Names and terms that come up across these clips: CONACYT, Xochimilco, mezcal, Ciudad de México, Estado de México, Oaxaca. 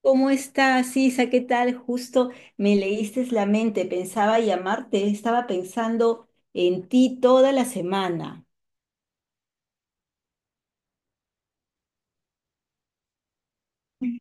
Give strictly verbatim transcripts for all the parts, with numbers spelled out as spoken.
¿Cómo estás, Isa? ¿Qué tal? Justo me leíste la mente, pensaba llamarte, estaba pensando en ti toda la semana.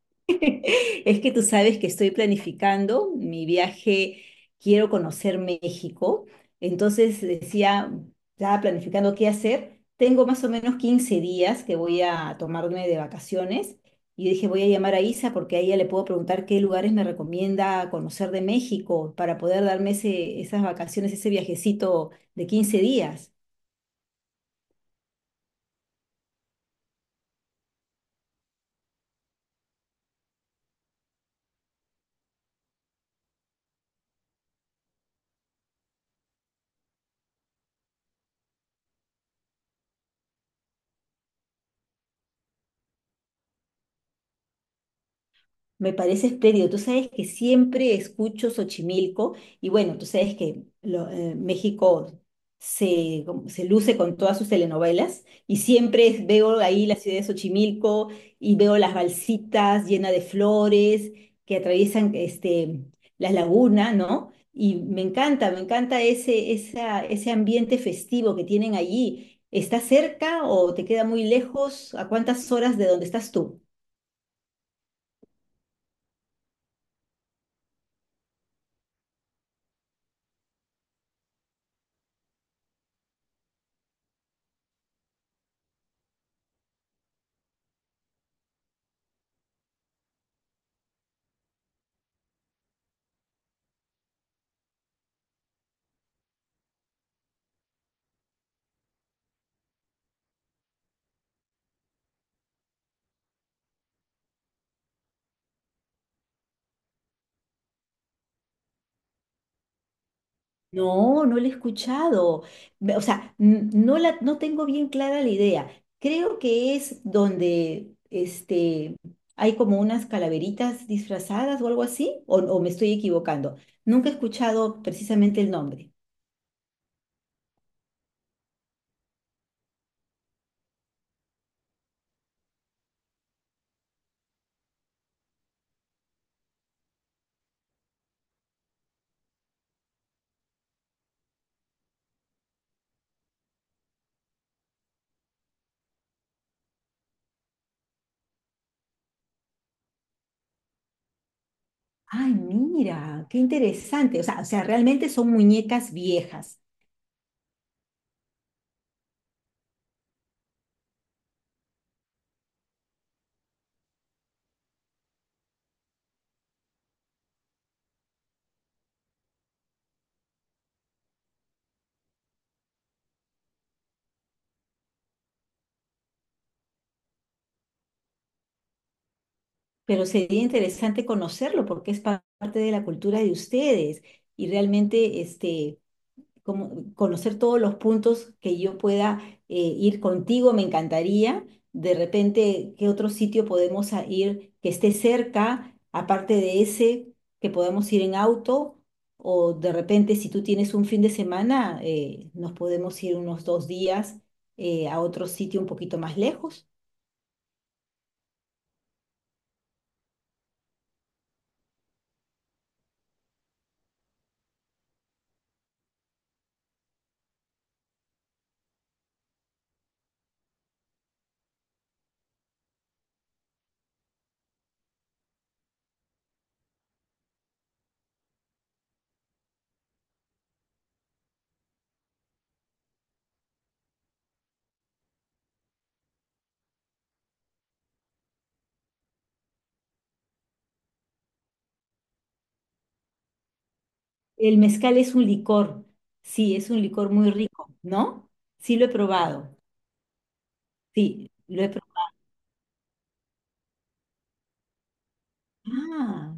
Es que tú sabes que estoy planificando mi viaje, quiero conocer México, entonces decía, estaba planificando qué hacer. Tengo más o menos quince días que voy a tomarme de vacaciones y dije, voy a llamar a Isa porque a ella le puedo preguntar qué lugares me recomienda conocer de México para poder darme ese- esas vacaciones, ese viajecito de quince días. Me parece espléndido. Tú sabes que siempre escucho Xochimilco y bueno, tú sabes que lo- eh, México se, como- se luce con todas sus telenovelas y siempre es- veo ahí la ciudad de Xochimilco y veo las balsitas llenas de flores que atraviesan este, las lagunas, ¿no? Y me encanta, me encanta ese, esa- ese ambiente festivo que tienen allí. ¿Está cerca o te queda muy lejos? ¿A cuántas horas de donde estás tú? No, no la he escuchado. Me- O sea, n- no la, no tengo bien clara la idea. Creo que es donde este, hay como unas calaveritas disfrazadas o algo así, o, o me estoy equivocando. Nunca he escuchado precisamente el nombre. Ay, mira, qué interesante. O sea, o sea, realmente son muñecas viejas, pero sería interesante conocerlo porque es pa- parte de la cultura de ustedes y realmente este, como conocer todos los puntos que yo pueda, eh, ir contigo, me encantaría. De repente, ¿qué otro sitio podemos a- ir que esté cerca, aparte de ese, que podamos ir en auto? O de repente, si tú tienes un fin de semana, eh, nos podemos ir unos dos días, eh, a otro sitio un poquito más lejos. El mezcal es un licor, sí, es un licor muy rico, ¿no? Sí, lo he probado, sí, lo he probado. Ah.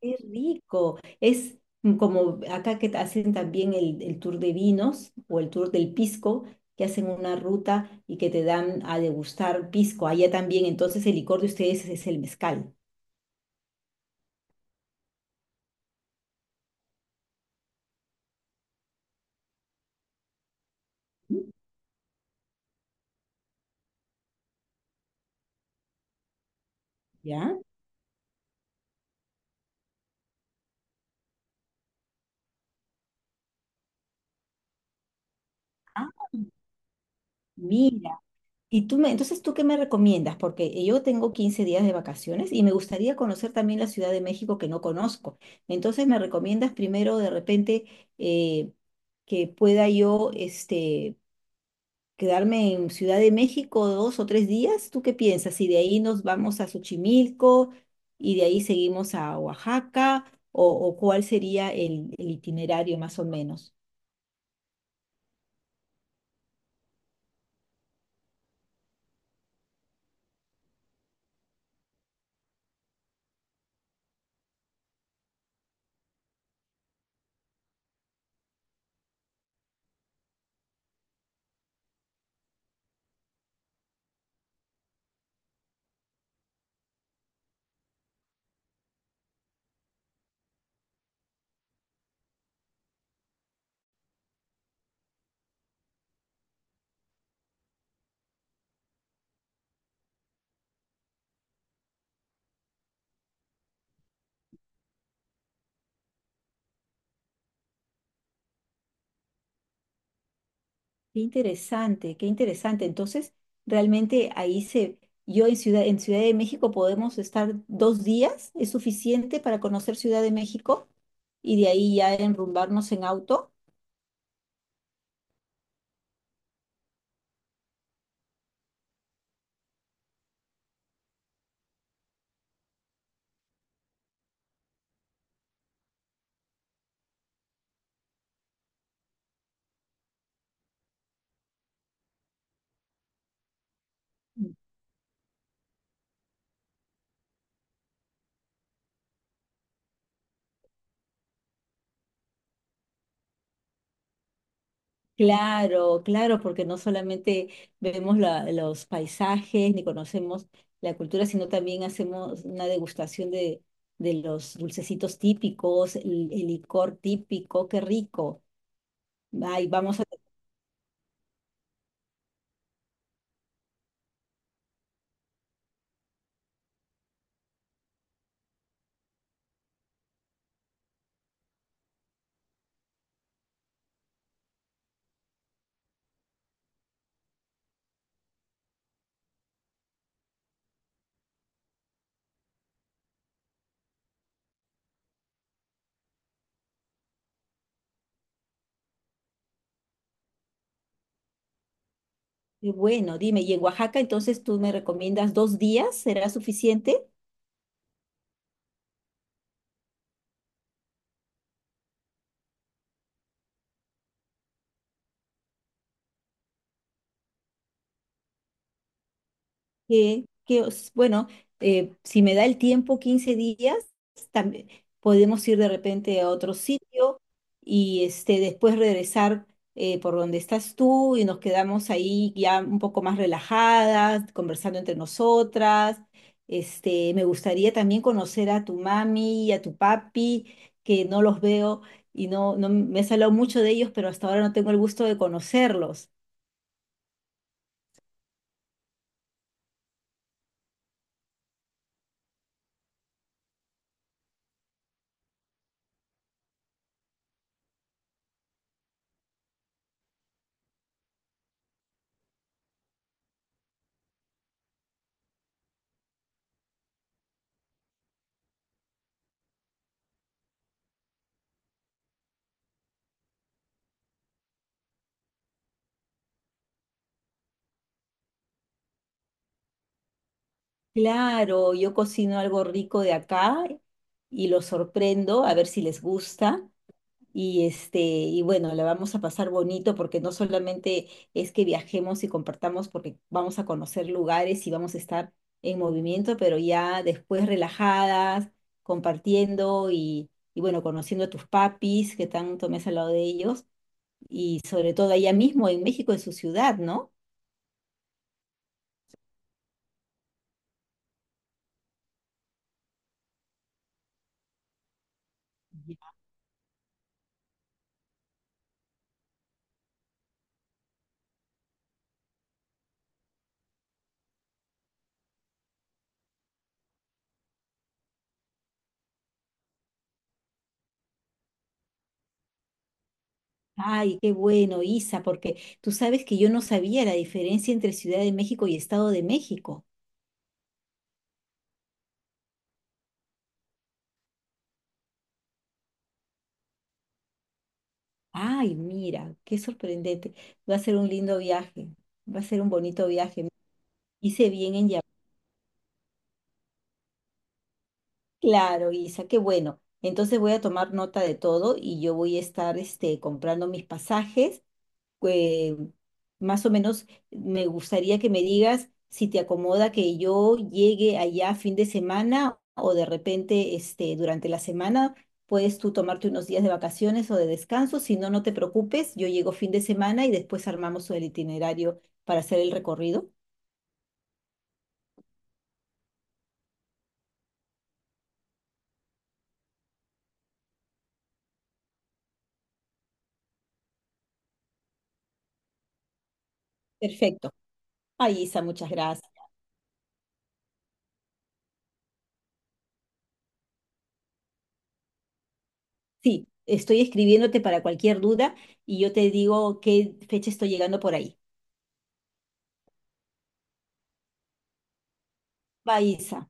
Qué rico. Es como acá que hacen también el, el tour de vinos o el tour del pisco, que hacen una ruta y que te dan a degustar pisco. Allá también, entonces el licor de ustedes es el mezcal. ¿Ya? Ah, mira. Y tú me, entonces, ¿tú qué me recomiendas? Porque yo tengo quince días de vacaciones y me gustaría conocer también la Ciudad de México que no conozco. Entonces, ¿me recomiendas primero de repente, eh, que pueda yo, este, quedarme en Ciudad de México dos o tres días? ¿Tú qué piensas? Si de ahí nos vamos a Xochimilco y de ahí seguimos a Oaxaca, o, o cuál sería el, el itinerario más o menos. Qué interesante, qué interesante. Entonces, realmente ahí se, yo en Ciudad, en Ciudad de México podemos estar dos días, ¿es suficiente para conocer Ciudad de México? Y de ahí ya enrumbarnos en auto. Claro, claro, porque no solamente vemos la- los paisajes ni conocemos la cultura, sino también hacemos una degustación de, de los dulcecitos típicos, el, el licor típico, qué rico. Ay, vamos a... Qué bueno, dime, ¿y en Oaxaca entonces tú me recomiendas dos días? ¿Será suficiente? Que, que os- bueno, eh, si me da el tiempo, quince días, también podemos ir de repente a otro sitio y este, después regresar, eh, por donde estás tú y nos quedamos ahí ya un poco más relajadas, conversando entre nosotras. Este, me gustaría también conocer a tu mami y a tu papi, que no los veo y no, no me has hablado mucho de ellos, pero hasta ahora no tengo el gusto de conocerlos. Claro, yo cocino algo rico de acá y los sorprendo a ver si les gusta. Y este, y bueno, la vamos a pasar bonito porque no solamente es que viajemos y compartamos porque vamos a conocer lugares y vamos a estar en movimiento, pero ya después relajadas, compartiendo y, y bueno, conociendo a tus papis que tanto me has hablado de ellos y sobre todo allá mismo en México, en su ciudad, ¿no? Ay, qué bueno, Isa, porque tú sabes que yo no sabía la diferencia entre Ciudad de México y Estado de México. Ay, mira, qué sorprendente. Va a ser un lindo viaje, va a ser un bonito viaje. Hice bien en llamar. Claro, Isa, qué bueno. Entonces voy a tomar nota de todo y yo voy a estar este, comprando mis pasajes, eh, más o menos me gustaría que me digas si te acomoda que yo llegue allá fin de semana o de repente este, durante la semana. Puedes tú tomarte unos días de vacaciones o de descanso. Si no, no te preocupes. Yo llego fin de semana y después armamos el itinerario para hacer el recorrido. Perfecto. Ay, Isa, muchas gracias. Sí, estoy escribiéndote para cualquier duda y yo te digo qué fecha estoy llegando por ahí. Va, Isa.